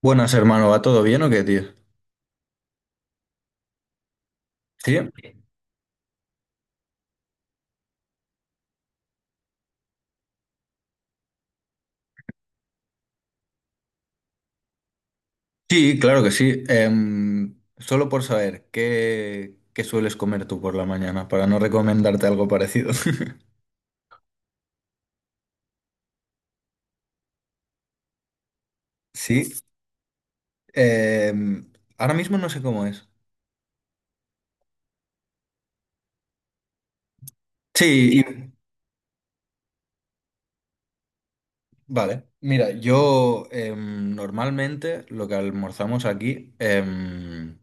Buenas, hermano. ¿Va todo bien o qué, tío? Sí, sí, claro que sí. Solo por saber, ¿qué sueles comer tú por la mañana para no recomendarte algo parecido? Sí, em, ahora mismo no sé cómo es. Sí, y- vale. Mira, yo normalmente lo que almorzamos aquí,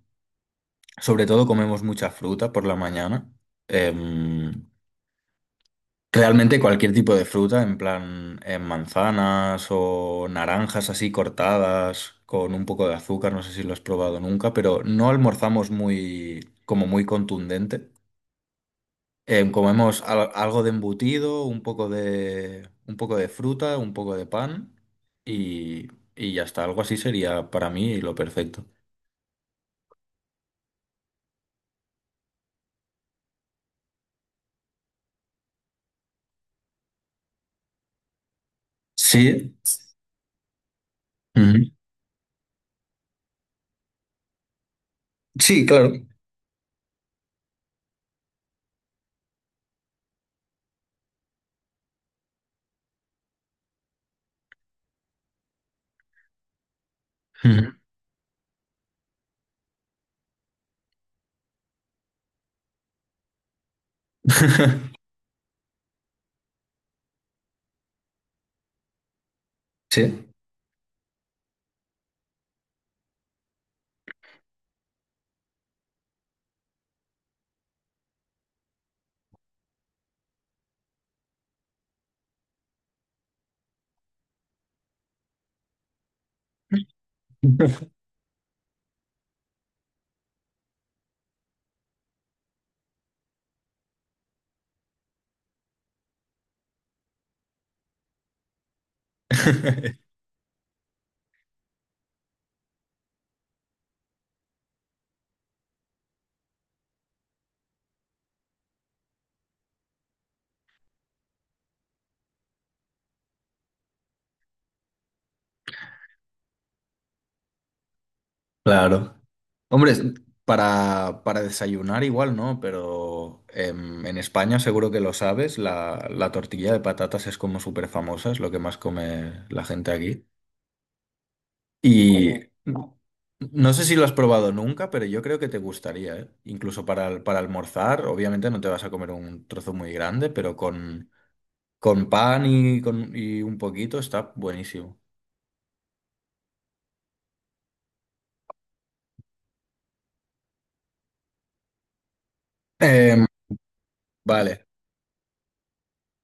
sobre todo comemos mucha fruta por la mañana. Em, Realmente cualquier tipo de fruta, en plan manzanas o naranjas así cortadas con un poco de azúcar, no sé si lo has probado nunca, pero no almorzamos muy, como muy contundente. Comemos algo de embutido, un poco de fruta, un poco de pan y, y ya está. Algo así sería para mí lo perfecto. Sí. Ujú. Sí, claro. Ujú. Sí. Claro. Hombre, es- para desayunar igual, ¿no? Pero en España seguro que lo sabes, la tortilla de patatas es como súper famosa, es lo que más come la gente aquí. Y no sé si lo has probado nunca, pero yo creo que te gustaría, ¿eh? Incluso para, para almorzar, obviamente no te vas a comer un trozo muy grande, pero con pan y, con, y un poquito está buenísimo. Em, vale.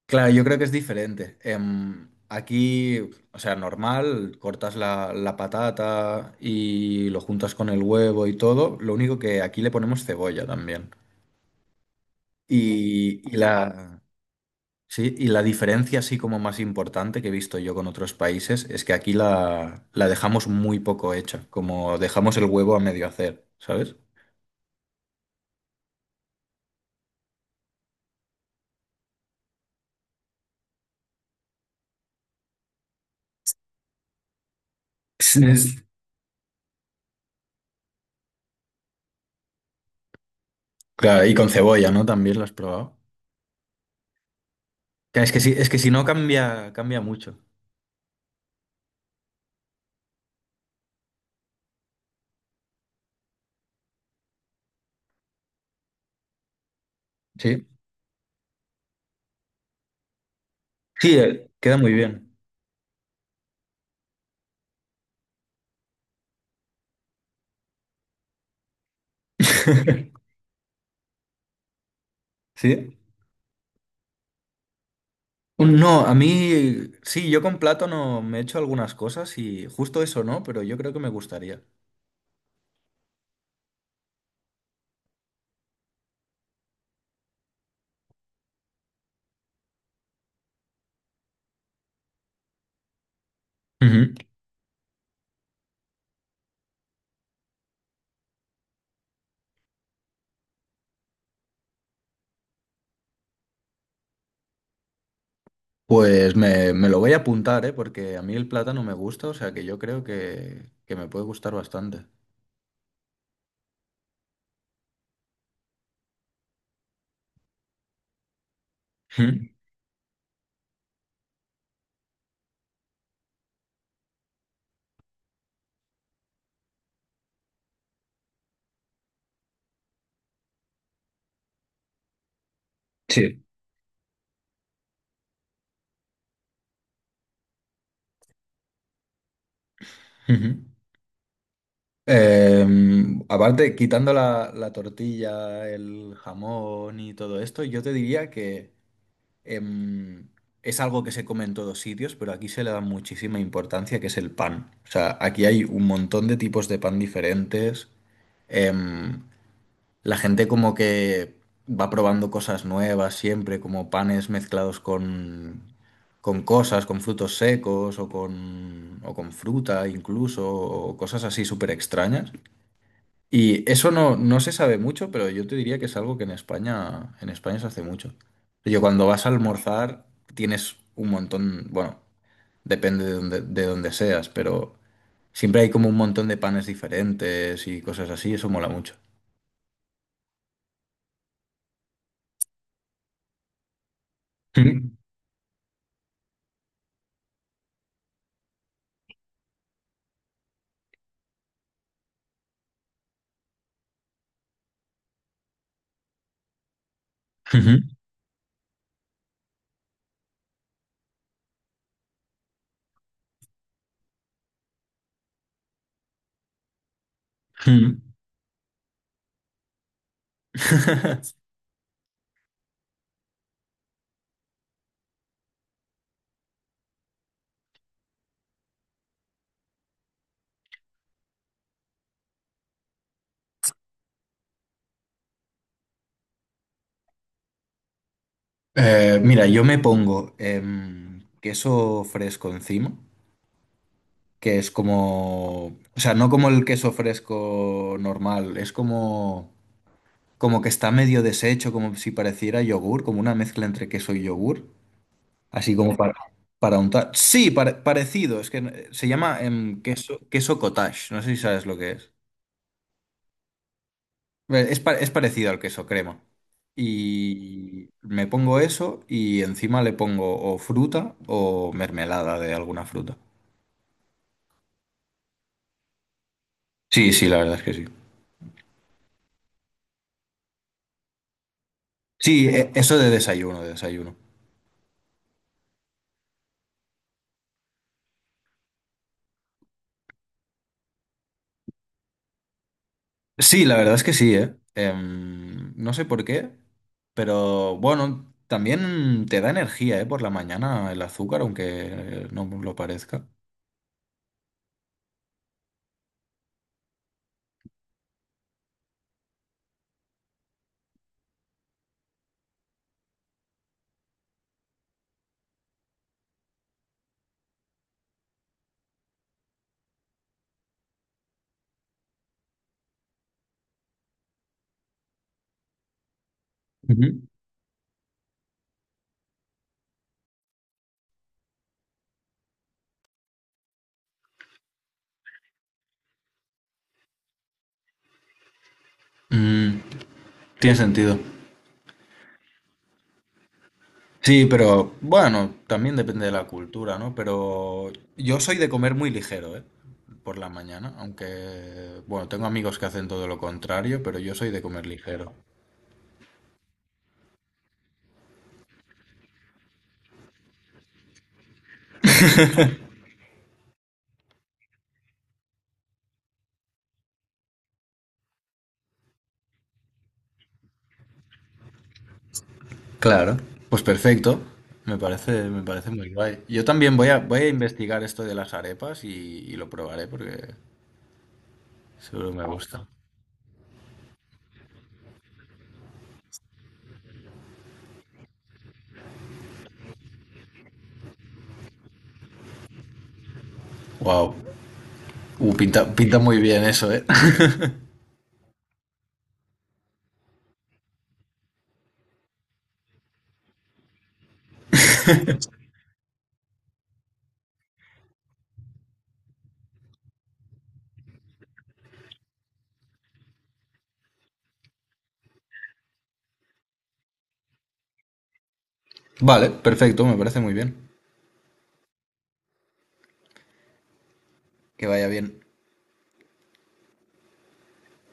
Claro, yo creo que es diferente. Aquí, o sea, normal, cortas la patata y lo juntas con el huevo y todo. Lo único que aquí le ponemos cebolla también. Y, y la, sí, y la diferencia así como más importante que he visto yo con otros países es que aquí la dejamos muy poco hecha, como dejamos el huevo a medio hacer, ¿sabes? Sí, Es- Claro, y con cebolla, ¿no? También lo has probado. Claro, es que sí, es que si no cambia, cambia mucho. Sí. Sí, queda muy bien. ¿Sí? No, a mí sí, yo con plátano me he hecho algunas cosas y justo eso no, pero yo creo que me gustaría. Ujú. Pues me lo voy a apuntar, ¿eh? Porque a mí el plátano me gusta, o sea que yo creo que me puede gustar bastante. Ujú. Sí. Ujú. Aparte, quitando la tortilla, el jamón y todo esto, yo te diría que... em, es algo que se come en todos sitios, pero aquí se le da muchísima importancia, que es el pan. O sea, aquí hay un montón de tipos de pan diferentes. em, la gente como que va probando cosas nuevas siempre, como panes mezclados con cosas, con frutos secos o con fruta incluso, o cosas así súper extrañas. Y eso no, no se sabe mucho, pero yo te diría que es algo que en España se hace mucho. Yo cuando vas a almorzar tienes un montón, bueno, depende de donde seas, pero siempre hay como un montón de panes diferentes y cosas así, eso mola mucho. Mm, ujú, mm. Mira, yo me pongo queso fresco encima, que es como, o sea, no como el queso fresco normal, es como... como que está medio deshecho, como si pareciera yogur, como una mezcla entre queso y yogur, así como para untar. Sí, parecido, es que se llama queso cottage, no sé si sabes lo que es. Es parecido al queso crema. Y me pongo eso y encima le pongo o fruta o mermelada de alguna fruta. Sí, sí, la verdad es que sí. Eso de desayuno, de desayuno. Sí, la verdad es que sí, ¿eh? No sé por qué, pero bueno, también te da energía, ¿eh? Por la mañana el azúcar, aunque no lo parezca. Ujú. Mm, tiene sentido. Sí, pero bueno, también depende de la cultura, ¿no? Pero yo soy de comer muy ligero, ¿eh? Por la mañana, aunque, bueno, tengo amigos que hacen todo lo contrario, pero yo soy de comer ligero. Claro, pues perfecto. Me parece muy guay. Yo también voy voy a investigar esto de las arepas y lo probaré porque seguro me gusta. Wow, pinta muy bien eso, ¿eh? Vale, perfecto, me parece muy bien. Que vaya bien.